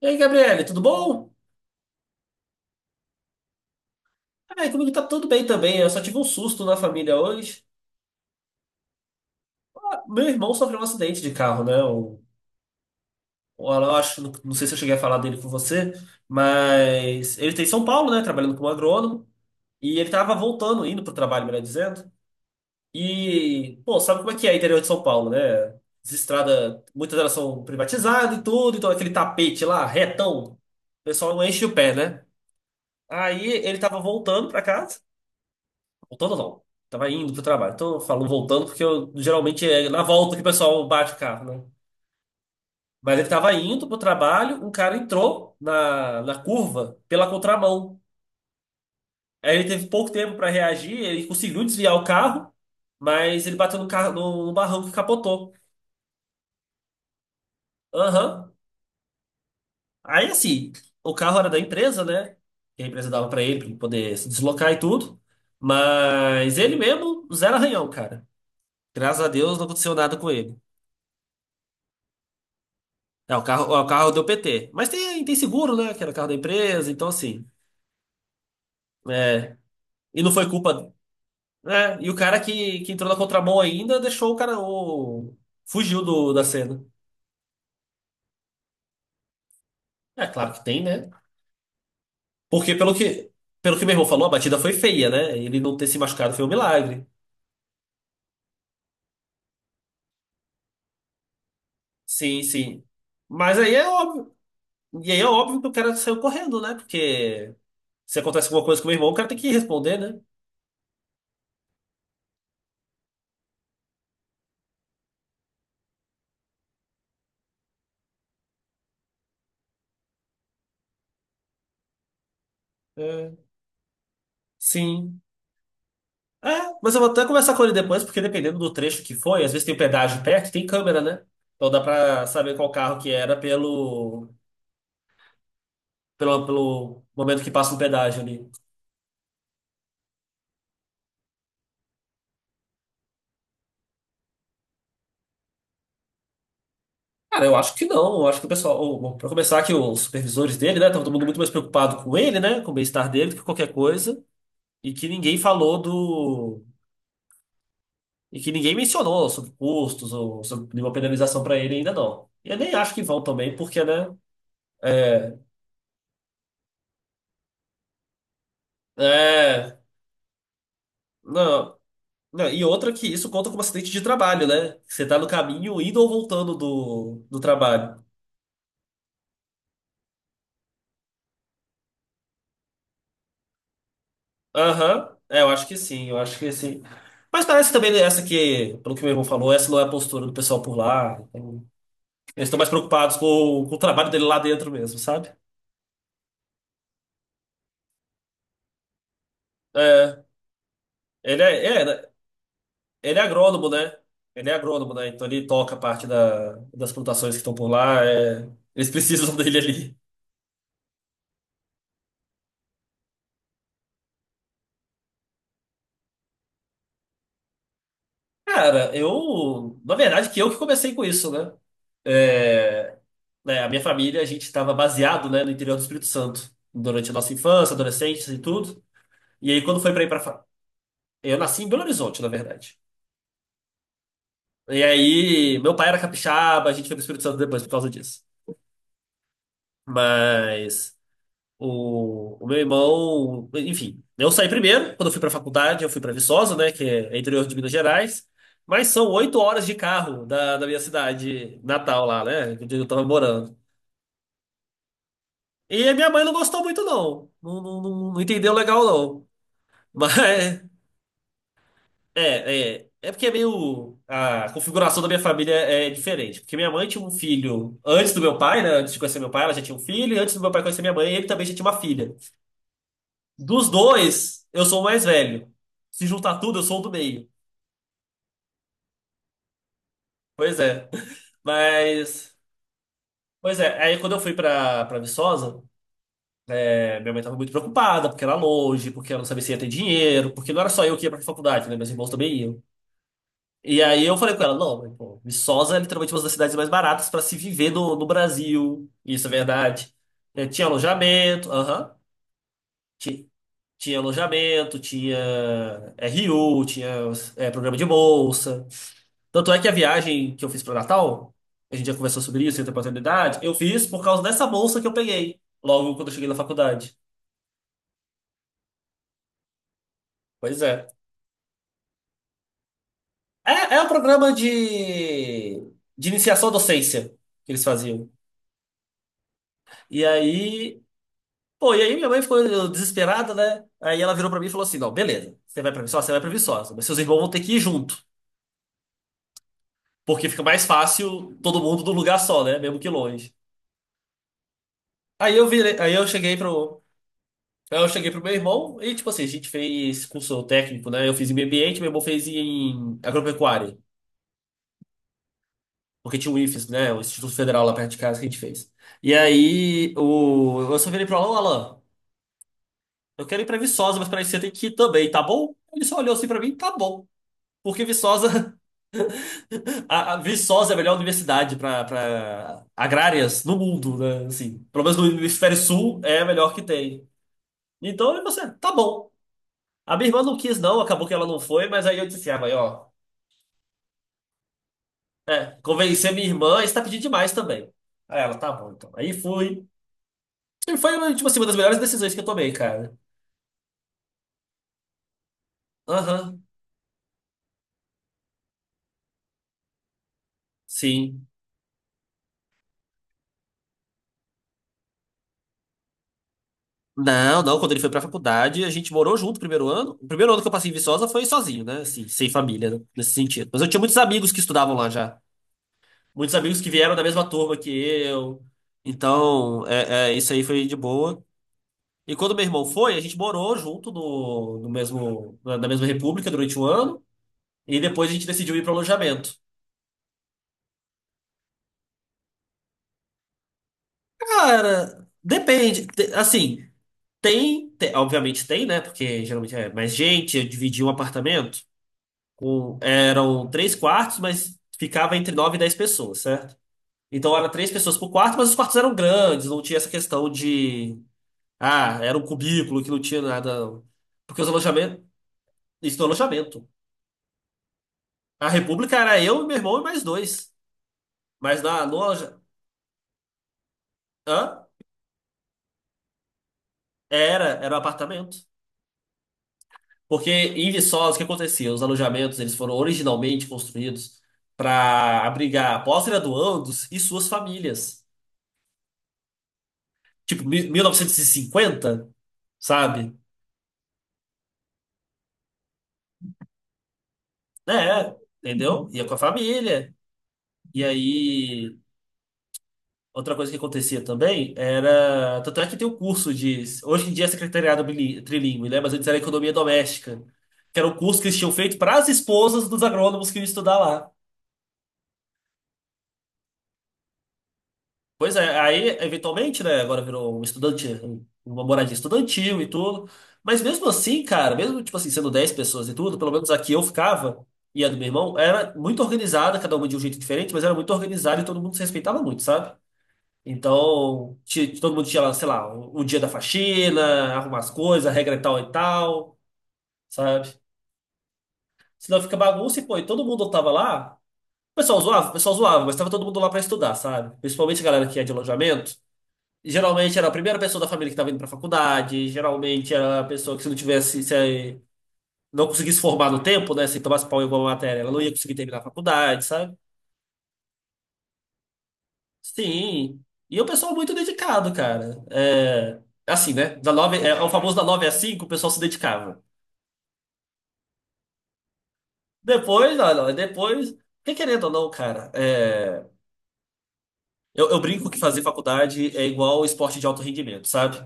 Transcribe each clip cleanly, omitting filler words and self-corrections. E aí, Gabriele, tudo bom? Ai, comigo tá tudo bem também. Eu só tive um susto na família hoje. Ah, meu irmão sofreu um acidente de carro, né? Eu acho, não sei se eu cheguei a falar dele com você, mas ele tá em São Paulo, né? Trabalhando como agrônomo. E ele tava voltando, indo pro trabalho, melhor dizendo. E, pô, sabe como é que é o interior de São Paulo, né? As estradas, muitas delas são privatizadas e tudo, então aquele tapete lá, retão, o pessoal não enche o pé, né? Aí ele tava voltando pra casa. Voltando não. Tava indo pro trabalho. Então eu falo voltando porque eu, geralmente, é na volta que o pessoal bate o carro, né? Mas ele tava indo pro trabalho, um cara entrou na curva pela contramão. Aí ele teve pouco tempo para reagir, ele conseguiu desviar o carro, mas ele bateu no carro no barranco e capotou. Aham. Aí assim, o carro era da empresa, né? Que a empresa dava para ele, pra ele poder se deslocar e tudo. Mas ele mesmo, zero arranhão, cara. Graças a Deus não aconteceu nada com ele. É o carro deu PT. Mas tem seguro, né? Que era o carro da empresa, então assim. É, e não foi culpa, né? E o cara que entrou na contramão ainda deixou o cara. Fugiu do, da cena. É claro que tem, né? Porque pelo que meu irmão falou, a batida foi feia, né? Ele não ter se machucado foi um milagre. Sim, sim. Mas aí é óbvio. E aí é óbvio que o cara saiu correndo, né? Porque se acontece alguma coisa com o meu irmão, o cara tem que responder, né? É, sim. É, mas eu vou até conversar com ele depois, porque dependendo do trecho que foi, às vezes tem o pedágio perto, tem câmera, né? Então dá pra saber qual carro que era pelo, pelo momento que passa no pedágio ali. Cara, eu acho que não. Eu acho que o pessoal, pra começar, que os supervisores dele, né? Tava todo mundo muito mais preocupado com ele, né? Com o bem-estar dele do que qualquer coisa. E que ninguém falou do. E que ninguém mencionou sobre custos ou sobre nenhuma penalização pra ele ainda, não. E eu nem acho que vão também, porque, né? É. É. Não. Não, e outra, que isso conta como acidente de trabalho, né? Você tá no caminho indo ou voltando do trabalho. Aham. É, eu acho que sim, eu acho que sim. Mas parece também essa que, pelo que meu irmão falou, essa não é a postura do pessoal por lá. Então, eles estão mais preocupados com o trabalho dele lá dentro mesmo, sabe? É, ele é, né? Ele é agrônomo, né? Ele é agrônomo, né? Então ele toca parte da, das plantações que estão por lá. É, eles precisam dele ali. Cara, eu. Na verdade, que eu que comecei com isso, né? É, né, a minha família, a gente estava baseado, né, no interior do Espírito Santo durante a nossa infância, adolescência e tudo. E aí, quando foi pra ir pra, eu nasci em Belo Horizonte, na verdade. E aí, meu pai era capixaba, a gente foi pro Espírito Santo depois por causa disso. Mas. O meu irmão, enfim, eu saí primeiro. Quando eu fui para a faculdade, eu fui para Viçosa, né, que é interior de Minas Gerais, mas são 8 horas de carro da minha cidade natal lá, né, onde eu tava morando. E a minha mãe não gostou muito, não. Não, não, não entendeu legal, não. Mas, é porque é meio, a configuração da minha família é diferente, porque minha mãe tinha um filho antes do meu pai, né, antes de conhecer meu pai, ela já tinha um filho, e antes do meu pai conhecer minha mãe, ele também já tinha uma filha. Dos dois, eu sou o mais velho. Se juntar tudo, eu sou o do meio. Pois é. Mas. Pois é, aí quando eu fui pra, Viçosa, é, minha mãe tava muito preocupada, porque era longe, porque ela não sabia se ia ter dinheiro, porque não era só eu que ia pra faculdade, né? Meus irmãos também iam. E aí eu falei com ela, não, mãe, pô, Viçosa é literalmente uma das cidades mais baratas pra se viver no Brasil. Isso é verdade. É, tinha alojamento, aham. Ti- Tinha alojamento, tinha RU, tinha programa de bolsa. Tanto é que a viagem que eu fiz para Natal, a gente já conversou sobre isso em outra oportunidade, eu fiz por causa dessa bolsa que eu peguei logo quando eu cheguei na faculdade. Pois é. É, é um programa de iniciação à docência que eles faziam. E aí, pô, e aí minha mãe ficou desesperada, né? Aí ela virou pra mim e falou assim: não, beleza, você vai pra Viçosa, você vai pra Viçosa, mas seus irmãos vão ter que ir junto, porque fica mais fácil todo mundo num lugar só, né? Mesmo que longe. Aí eu virei, aí eu cheguei para Aí eu cheguei pro meu irmão e, tipo assim, a gente fez curso técnico, né? Eu fiz em meio ambiente, meu irmão fez em agropecuária, porque tinha o IFES, né? O Instituto Federal lá perto de casa que a gente fez. E aí eu só virei pro Alan. Alan, eu quero ir pra Viçosa, mas pra isso você tem que ir também, tá bom? Ele só olhou assim pra mim, tá bom. Porque Viçosa, a Viçosa é a melhor universidade pra, agrárias no mundo, né? Assim, pelo menos no hemisfério sul é a melhor que tem. Então, e você, tá bom. A minha irmã não quis, não, acabou que ela não foi, mas aí eu disse assim, ah, mãe, ó. Convencer minha irmã, isso tá pedindo demais também. Aí ela, tá bom, então. Aí fui. E foi, tipo assim, uma das melhores decisões que eu tomei, cara. Aham, sim. Não, não, quando ele foi pra faculdade, a gente morou junto o primeiro ano. O primeiro ano que eu passei em Viçosa foi sozinho, né? Assim, sem família, né, nesse sentido. Mas eu tinha muitos amigos que estudavam lá já. Muitos amigos que vieram da mesma turma que eu. Então, isso aí foi de boa. E quando meu irmão foi, a gente morou junto no mesmo, na mesma república durante um ano. E depois a gente decidiu ir para o alojamento. Cara, depende. Assim, tem, obviamente tem, né? Porque geralmente é mais gente. Eu dividi um apartamento com, eram três quartos, mas ficava entre nove e dez pessoas, certo? Então era três pessoas por quarto, mas os quartos eram grandes, não tinha essa questão de, ah, era um cubículo que não tinha nada, não. Porque os alojamentos, isso no alojamento. A república era eu, meu irmão e mais dois. Mas na, no, aloja- hã? Era um apartamento. Porque em Viçosa, o que acontecia? Os alojamentos eles foram originalmente construídos para abrigar pós-graduandos e suas famílias. Tipo, 1950, sabe? É, entendeu? Ia com a família. E aí, outra coisa que acontecia também era. Tanto é que tem um curso de. Hoje em dia é secretariado trilingue, né? Mas antes era economia doméstica, que era o curso que eles tinham feito para as esposas dos agrônomos que iam estudar lá. Pois é, aí eventualmente, né, agora virou um estudante, um, uma moradia estudantil e tudo. Mas mesmo assim, cara, mesmo tipo assim, sendo 10 pessoas e tudo, pelo menos aqui eu ficava e a do meu irmão era muito organizada, cada uma de um jeito diferente, mas era muito organizada e todo mundo se respeitava muito, sabe? Então, todo mundo tinha lá, sei lá, o dia da faxina, arrumar as coisas, a regra é tal e tal, sabe? Senão fica bagunça e pô, e todo mundo tava lá. O pessoal zoava, mas tava todo mundo lá pra estudar, sabe? Principalmente a galera que é de alojamento. Geralmente era a primeira pessoa da família que estava indo para a faculdade, geralmente era a pessoa que se não tivesse, se eh, não conseguisse formar no tempo, né, se tomasse pau em alguma matéria, ela não ia conseguir terminar a faculdade, sabe? Sim. E o pessoal muito dedicado, cara. É, assim, né? O famoso da 9 às 5, o pessoal se dedicava. Depois, não, não, depois, porque querendo ou não, cara, eu brinco que fazer faculdade é igual esporte de alto rendimento, sabe?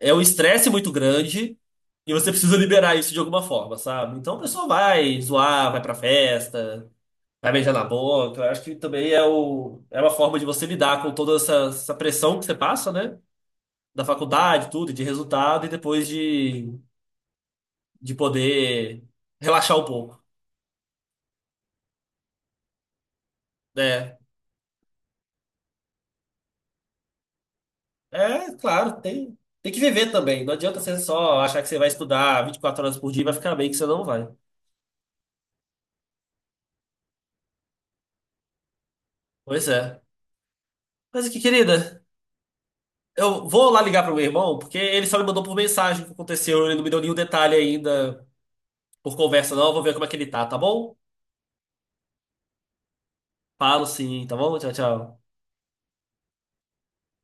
É um estresse muito grande e você precisa liberar isso de alguma forma, sabe? Então a pessoa vai zoar, vai pra festa, vai beijar na boca. Eu acho que também é uma forma de você lidar com toda essa pressão que você passa, né? Da faculdade, tudo, de resultado, e depois de, poder relaxar um pouco, né? É, claro, tem que viver também. Não adianta você só achar que você vai estudar 24 horas por dia e vai ficar bem que você não vai. Pois é. Mas aqui, querida. Eu vou lá ligar pro meu irmão, porque ele só me mandou por mensagem o que aconteceu, ele não me deu nenhum detalhe ainda por conversa, não. Eu vou ver como é que ele tá, tá bom? Falo sim, tá bom? Tchau, tchau.